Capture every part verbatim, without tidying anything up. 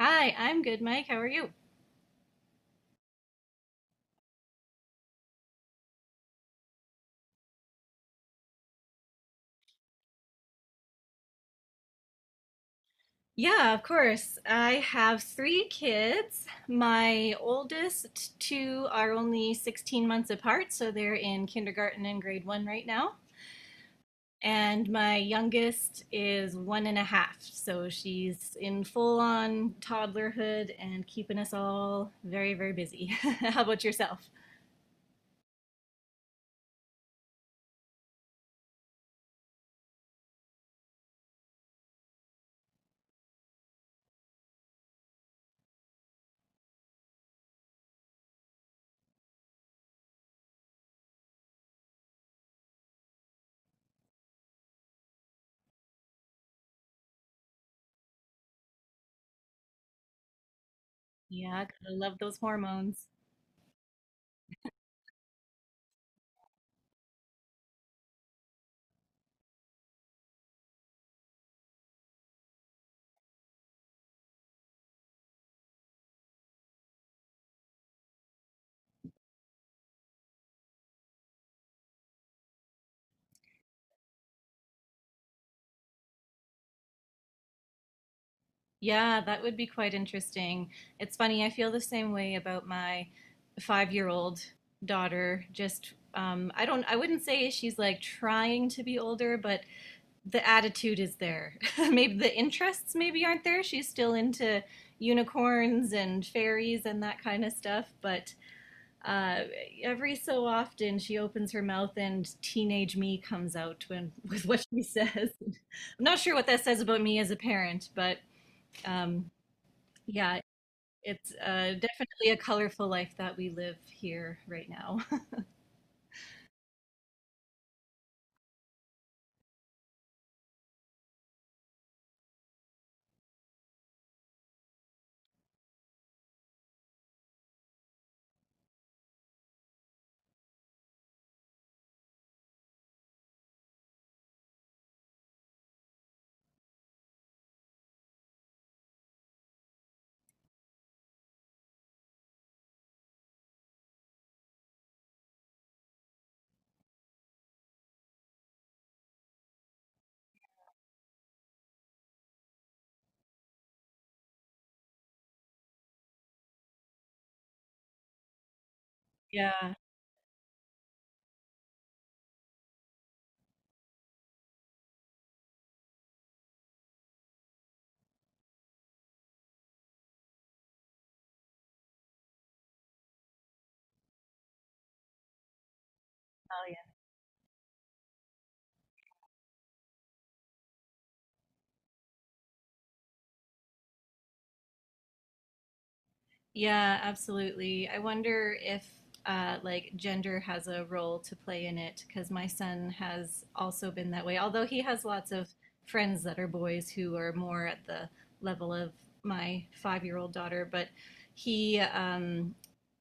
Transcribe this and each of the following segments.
Hi, I'm good, Mike. How are you? Yeah, of course. I have three kids. My oldest two are only sixteen months apart, so they're in kindergarten and grade one right now. And my youngest is one and a half, so she's in full on toddlerhood and keeping us all very, very busy. How about yourself? Yeah, gotta love those hormones. Yeah, that would be quite interesting. It's funny, I feel the same way about my five-year-old daughter. Just, um, I don't, I wouldn't say she's like trying to be older, but the attitude is there. Maybe the interests maybe aren't there. She's still into unicorns and fairies and that kind of stuff, but uh, every so often she opens her mouth and teenage me comes out when, with what she says. I'm not sure what that says about me as a parent, but um, yeah, it's uh, definitely a colorful life that we live here right now. Yeah. Oh, yeah. Yeah, absolutely. I wonder if uh, like gender has a role to play in it because my son has also been that way. Although he has lots of friends that are boys who are more at the level of my five-year-old daughter, but he um,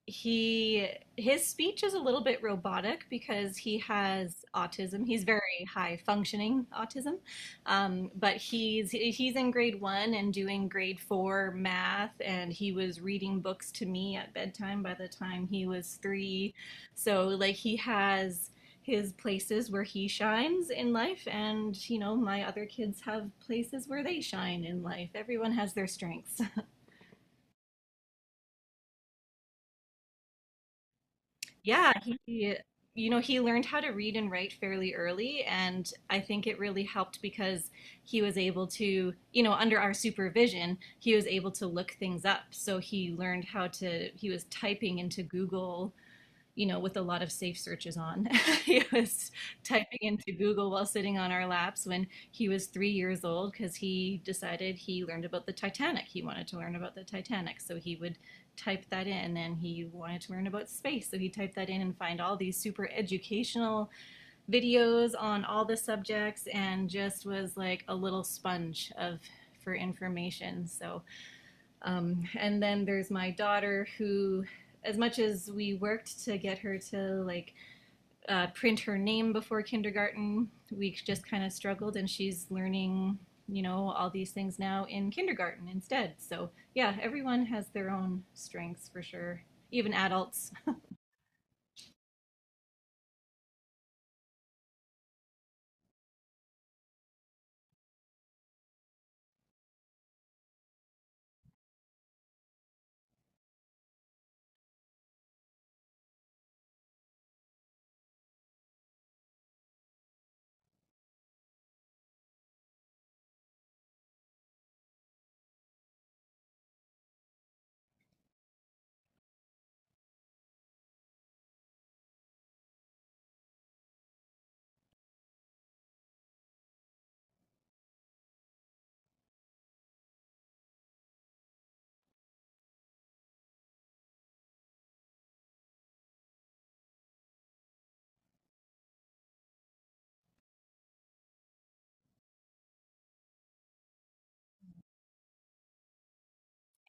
he his speech is a little bit robotic because he has autism. He's very high functioning autism. Um, but he's he's in grade one and doing grade four math, and he was reading books to me at bedtime by the time he was three. So like he has his places where he shines in life, and you know my other kids have places where they shine in life. Everyone has their strengths. Yeah, he, you know, he learned how to read and write fairly early, and I think it really helped because he was able to, you know, under our supervision, he was able to look things up. So he learned how to, he was typing into Google, you know, with a lot of safe searches on. He was typing into Google while sitting on our laps when he was three years old because he decided he learned about the Titanic. He wanted to learn about the Titanic. So he would type that in and he wanted to learn about space. So he typed that in and find all these super educational videos on all the subjects and just was like a little sponge of for information. So um, and then there's my daughter who as much as we worked to get her to like uh, print her name before kindergarten, we just kind of struggled, and she's learning, you know, all these things now in kindergarten instead. So yeah, everyone has their own strengths for sure, even adults.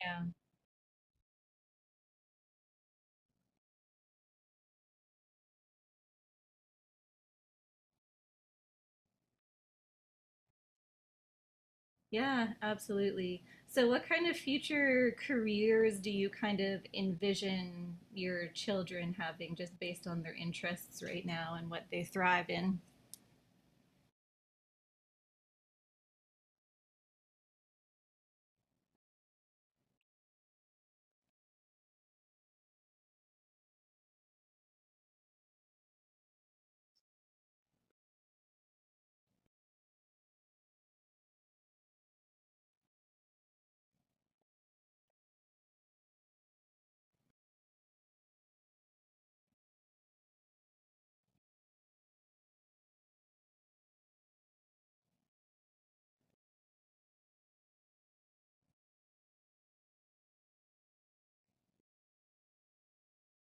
Yeah, yeah, absolutely. So, what kind of future careers do you kind of envision your children having, just based on their interests right now and what they thrive in?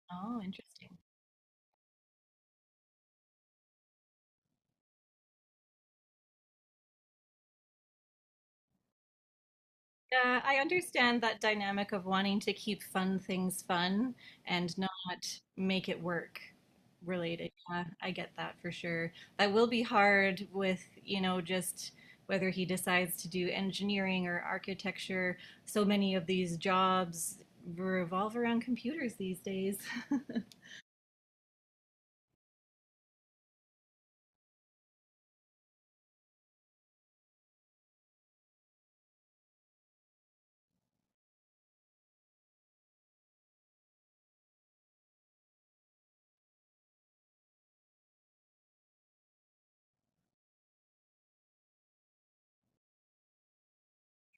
Oh, interesting. Uh, I understand that dynamic of wanting to keep fun things fun and not make it work related. Yeah, I get that for sure. That will be hard with, you know, just whether he decides to do engineering or architecture. So many of these jobs revolve around computers these days.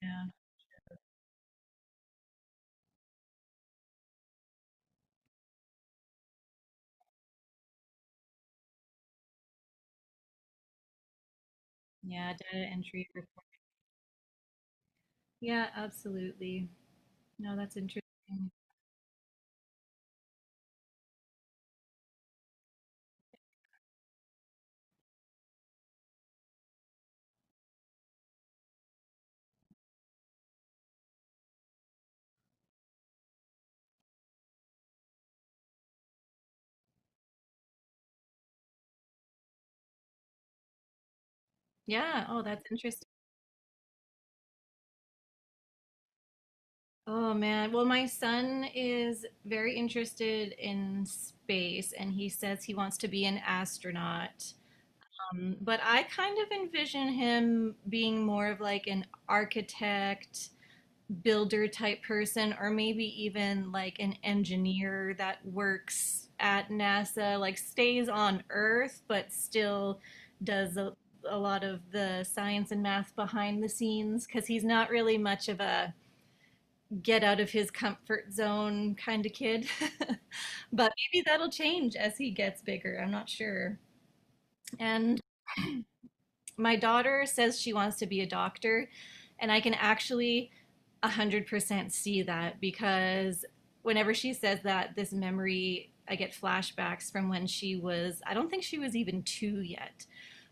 Yeah, yeah, data entry. Report- Yeah, absolutely. No, that's interesting. Yeah, oh, that's interesting. Oh man. Well, my son is very interested in space and he says he wants to be an astronaut. Um, but I kind of envision him being more of like an architect, builder type person, or maybe even like an engineer that works at NASA, like stays on Earth, but still does a, a lot of the science and math behind the scenes because he's not really much of a get out of his comfort zone kind of kid. But maybe that'll change as he gets bigger. I'm not sure. And my daughter says she wants to be a doctor, and I can actually one hundred percent see that because whenever she says that, this memory, I get flashbacks from when she was, I don't think she was even two yet,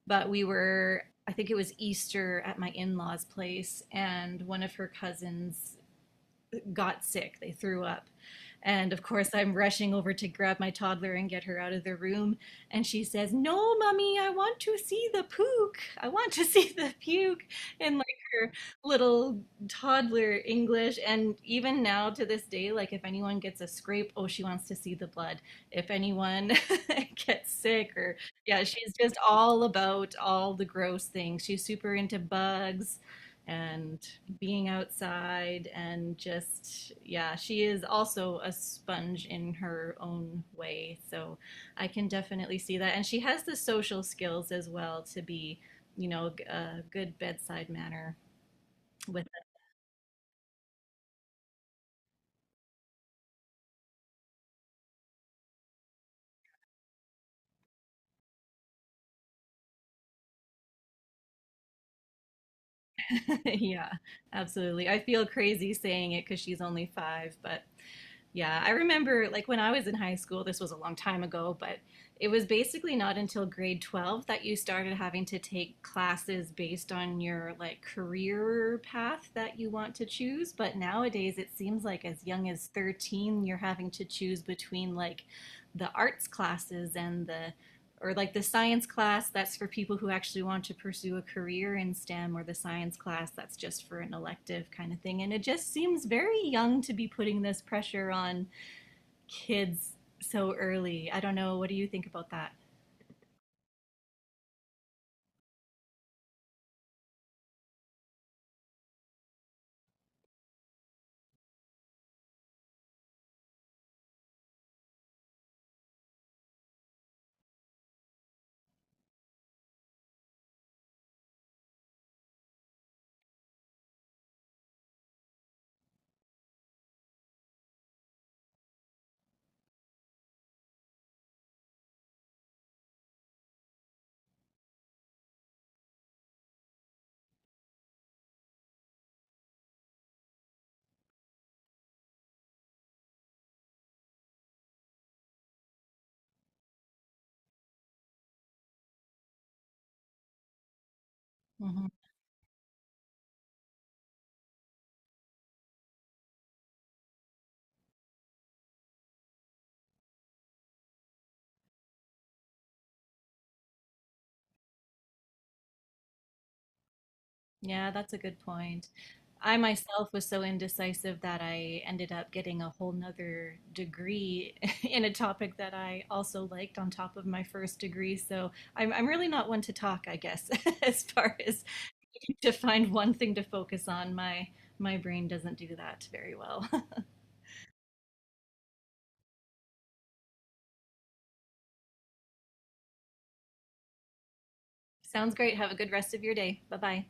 but we were I think it was Easter at my in law's place, and one of her cousins got sick. They threw up. And of course, I'm rushing over to grab my toddler and get her out of the room. And she says, no, mommy, I want to see the puke. I want to see the puke in like her little toddler English. And even now to this day, like if anyone gets a scrape, oh, she wants to see the blood. If anyone gets sick or, yeah, she's just all about all the gross things. She's super into bugs and being outside and just yeah she is also a sponge in her own way, so I can definitely see that and she has the social skills as well to be, you know, a good bedside manner with. Yeah, absolutely. I feel crazy saying it because she's only five, but yeah, I remember like when I was in high school, this was a long time ago, but it was basically not until grade twelve that you started having to take classes based on your like career path that you want to choose. But nowadays, it seems like as young as thirteen, you're having to choose between like the arts classes and the or like the science class that's for people who actually want to pursue a career in STEM, or the science class that's just for an elective kind of thing. And it just seems very young to be putting this pressure on kids so early. I don't know. What do you think about that? Hmm. Yeah, that's a good point. I myself was so indecisive that I ended up getting a whole nother degree in a topic that I also liked on top of my first degree. So I'm, I'm really not one to talk, I guess, as far as to find one thing to focus on. My my brain doesn't do that very well. Sounds great. Have a good rest of your day. Bye bye.